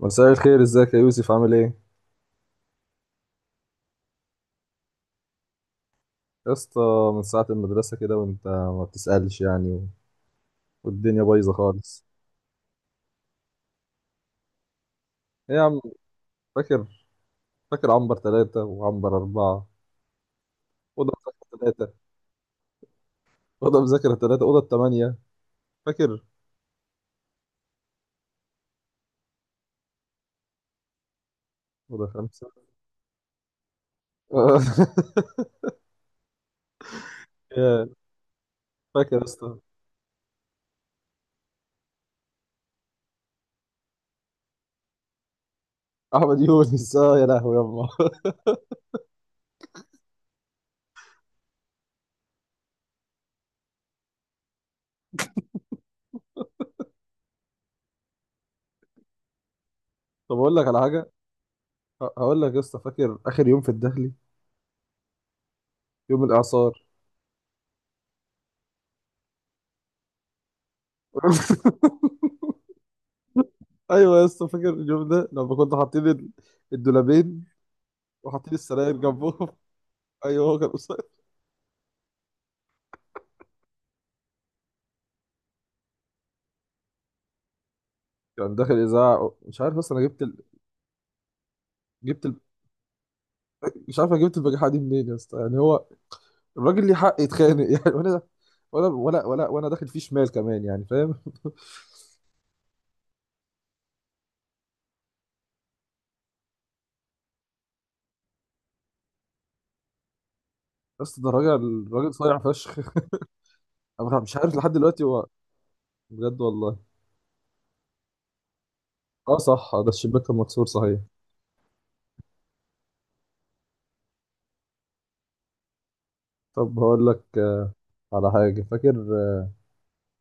مساء الخير، ازيك يا يوسف؟ عامل ايه يا اسطى؟ من ساعة المدرسة كده وانت ما بتسألش يعني. والدنيا بايظة خالص. ايه يا عم؟ فاكر فاكر عنبر ثلاثة وعنبر أربعة. أوضة مذاكرة ثلاثة أوضة مذاكرة ثلاثة، أوضة ثمانية. فاكر؟ أوضة خمسة. يا فاكر يا اسطى؟ أحمد يونس، اه يا لهوي يما. طب أقول لك على حاجة. هقول لك يا اسطى، فاكر آخر يوم في الدخلي؟ يوم الإعصار. ايوه يا اسطى، فاكر اليوم ده لما كنا حاطين الدولابين وحاطين السراير جنبهم؟ ايوه هو كان قصير. كان داخل اذاعه، مش عارف اصلا انا جبت جبت ال... مش عارف انا جبت البجاحه دي منين يا اسطى، يعني هو الراجل ليه حق يتخانق يعني. وانا ولا وانا داخل فيه شمال كمان، يعني فاهم؟ بس ده راجل راجل صايع فشخ. انا مش عارف لحد دلوقتي هو. بجد والله. اه صح، آه ده الشباك كان مكسور صحيح. طب هقول لك على حاجه، فاكر؟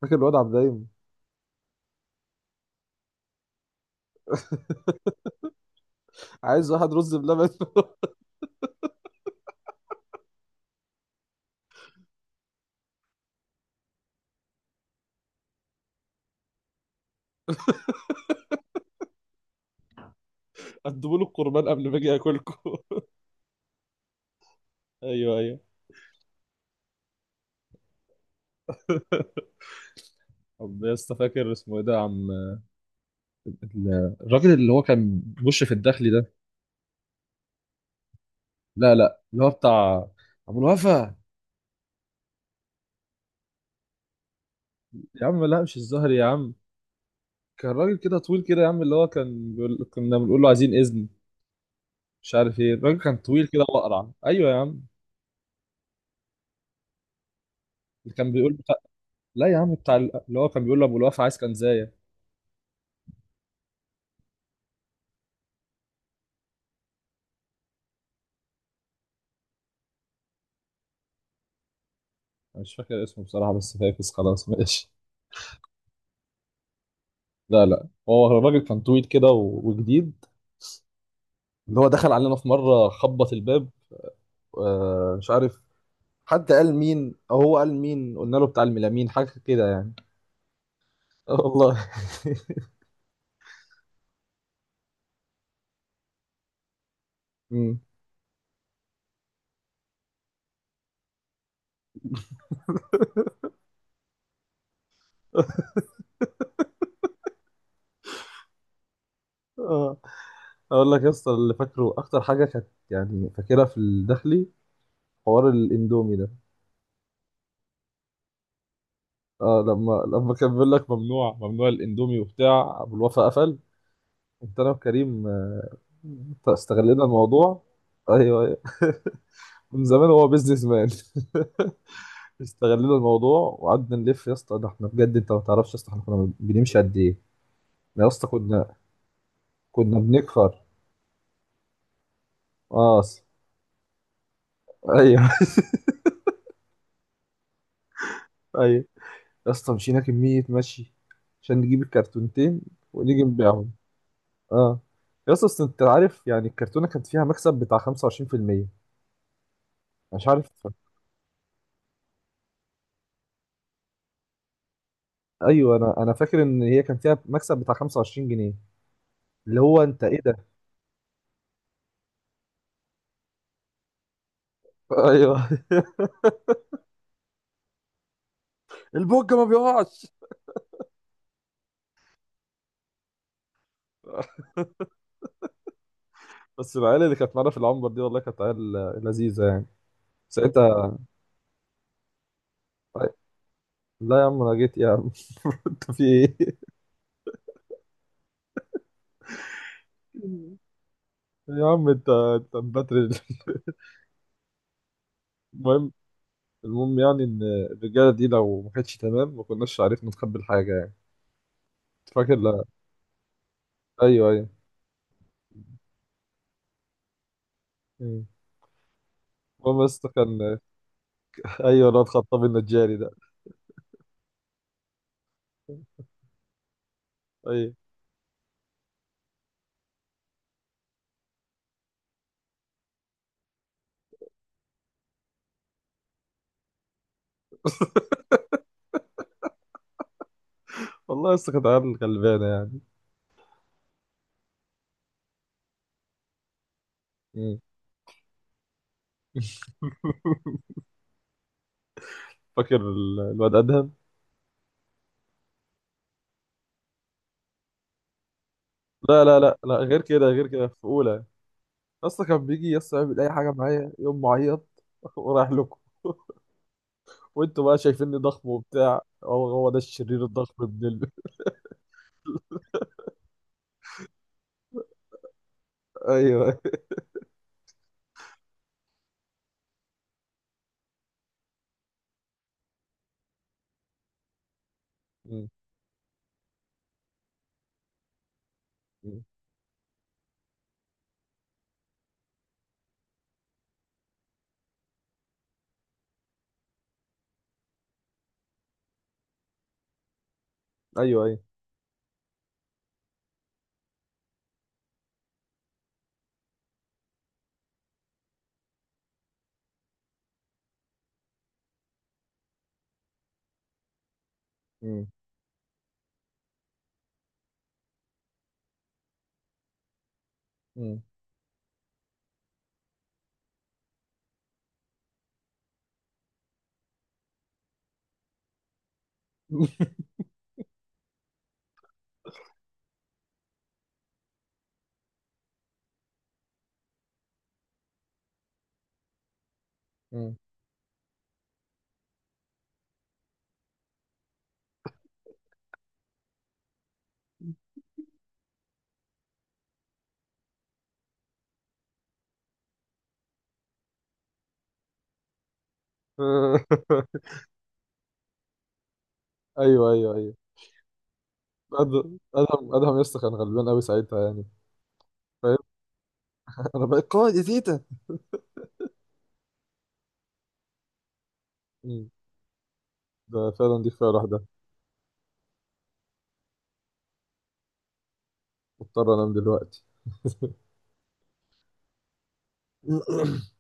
فاكر الواد عبد الدايم؟ عايز واحد رز بلبن. قدموا له القربان قبل ما اجي اكلكم. ايوه ايوه. طب يا اسطى، فاكر اسمه ايه ده يا عم، الراجل اللي هو كان بيخش في الداخلي ده؟ لا لا، اللي هو بتاع ابو الوفا. يا عم لا، مش الزهري يا عم. كان راجل كده طويل كده يا عم، اللي هو كان بيقول كنا بنقول له عايزين اذن، مش عارف ايه. الراجل كان طويل كده واقرع، ايوه يا عم. اللي كان لا يا عم، اللي هو كان بيقول له ابو الوفا عايز كنزايه. انا مش فاكر اسمه بصراحه، بس فاكس خلاص ماشي. لا لا، هو الراجل كان طويل كده و... وجديد، اللي هو دخل علينا في مره خبط الباب، مش عارف. حد قال مين او هو قال مين، قلنا له بتاع الميلامين حاجه كده يعني. آه والله. مم. اه اقول لك يا اسطى، اللي فاكره اكتر حاجه كانت يعني فاكرها في الداخلي حوار الاندومي ده. اه لما كان بيقول لك ممنوع ممنوع الاندومي، وبتاع ابو الوفا قفل. كنت انا وكريم، استغلينا الموضوع. ايوه ايوه. من زمان هو بيزنس مان. استغلينا الموضوع، وقعدنا نلف يا اسطى. ده احنا بجد، انت ما تعرفش يا اسطى احنا كنا بنمشي قد ايه. احنا يا اسطى كنا، كنا بنكفر. اه ايوه. ايوه يا اسطى، مشينا كمية مشي عشان نجيب الكرتونتين، ونيجي نبيعهم. اه يا اسطى، أصل انت عارف يعني الكرتونة كانت فيها مكسب بتاع 25%، مش عارف. ايوه، انا فاكر ان هي كان فيها مكسب بتاع 25 جنيه. اللي هو انت ايه ده. ايوه. البوجة ما بيقعش. بس العيال اللي كانت معانا في العنبر دي، والله كانت عيال لذيذة يعني. ساعتها. لا يا عم، انا جيت يا عم. انت في ايه؟ يا عم انت مبتر. المهم المهم يعني ان الرجاله دي لو ما كانتش تمام، ما كناش عرفنا نخبي الحاجه يعني. انت فاكر، لا؟ ايوه ايوه. مم. المهم، بس كان. ايوه الواد خطاب النجاري ده. ايوه. والله لسه كانت عيال غلبانه يعني. مم. فاكر الواد ادهم؟ لا لا لا لا، غير كده، غير كده في اولى. اصلا كان بيجي يسطا يعمل اي حاجه معايا، يوم معيط. ورايح لكم. وانتوا بقى شايفيني ضخم وبتاع، هو هو ده الشرير الضخم ابن ال... ايوه. مم. مم. ايوه ايوه. مم. مم. مم. ايوه ايوه ايوه. ادهم ادهم ادهم يسطا كان غلبان قوي ساعتها يعني، فاهم؟ انا بقيت قائد يا تيتا. مم. ده فعلا، دي كفايه لوحدها. مضطر انام دلوقتي.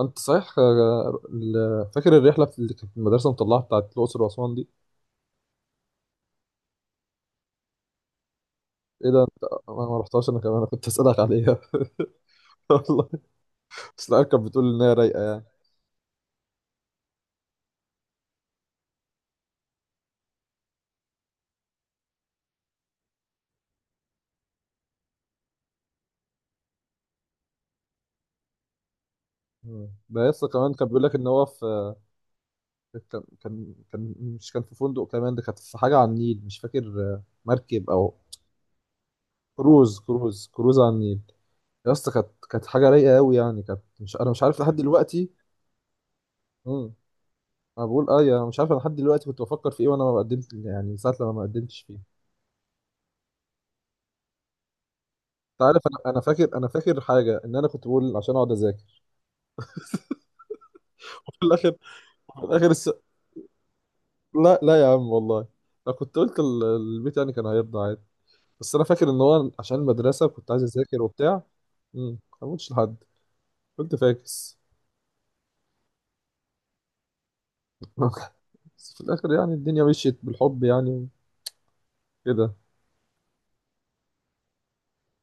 انت صحيح، فاكر الرحله اللي كانت المدرسه مطلعه بتاعت الاقصر واسوان دي؟ ايه ده انت، انا ما رحتهاش، انا كمان انا كنت اسالك عليها. والله. بس العيال كانت بتقول ان هي رايقه يعني. مم. ده يسطا كمان كان بيقول لك ان هو في، كان مش كان في فندق كمان. ده كانت في حاجة على النيل، مش فاكر، مركب أو كروز، كروز كروز على النيل. يا اسطى كانت حاجة رايقة أوي يعني، كانت. مش أنا مش عارف لحد دلوقتي. مم. أنا بقول أه، أنا مش عارف، أنا لحد دلوقتي كنت بفكر في إيه وأنا ما قدمت يعني، ساعة لما ما قدمتش فيه. أنت عارف، أنا فاكر حاجة، إن أنا كنت بقول عشان أقعد أذاكر. وفي الآخر، في الآخر الس... لا لا يا عم والله، أنا كنت قلت البيت يعني كان هيرضى عادي. بس أنا فاكر إن هو عشان المدرسة كنت عايز أذاكر وبتاع. مم. ما قلتش لحد، قلت فاكس. بس في الاخر، يعني الدنيا مشيت بالحب يعني، كده.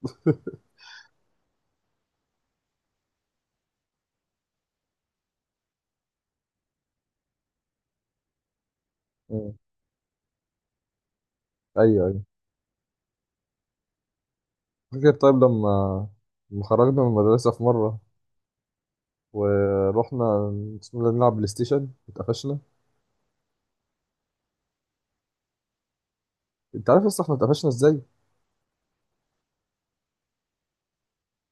مم. ايوه ايوه. فاكر طيب لما خرجنا من المدرسة في مرة ورحنا بسم الله نلعب بلاي ستيشن، اتقفشنا. انت عارف لسه احنا اتقفشنا ازاي؟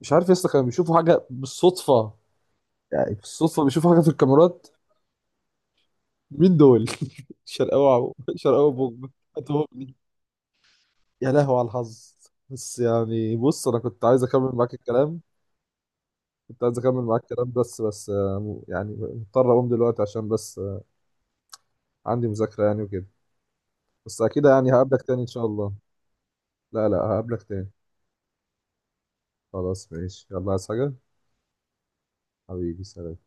مش عارف، لسه كانوا بيشوفوا حاجة بالصدفة يعني، بالصدفة بيشوفوا حاجة في الكاميرات. مين دول؟ شرقاوة. شرقاوة بوجبا. هاتوا بوجني. يا لهوي على الحظ. بس يعني بص، انا كنت عايز اكمل معاك الكلام بس يعني مضطر اقوم دلوقتي، عشان بس عندي مذاكرة يعني وكده. بس اكيد يعني هقابلك تاني ان شاء الله. لا لا، هقابلك تاني. خلاص ماشي، يلا. عايز حاجة؟ حبيبي، سلام.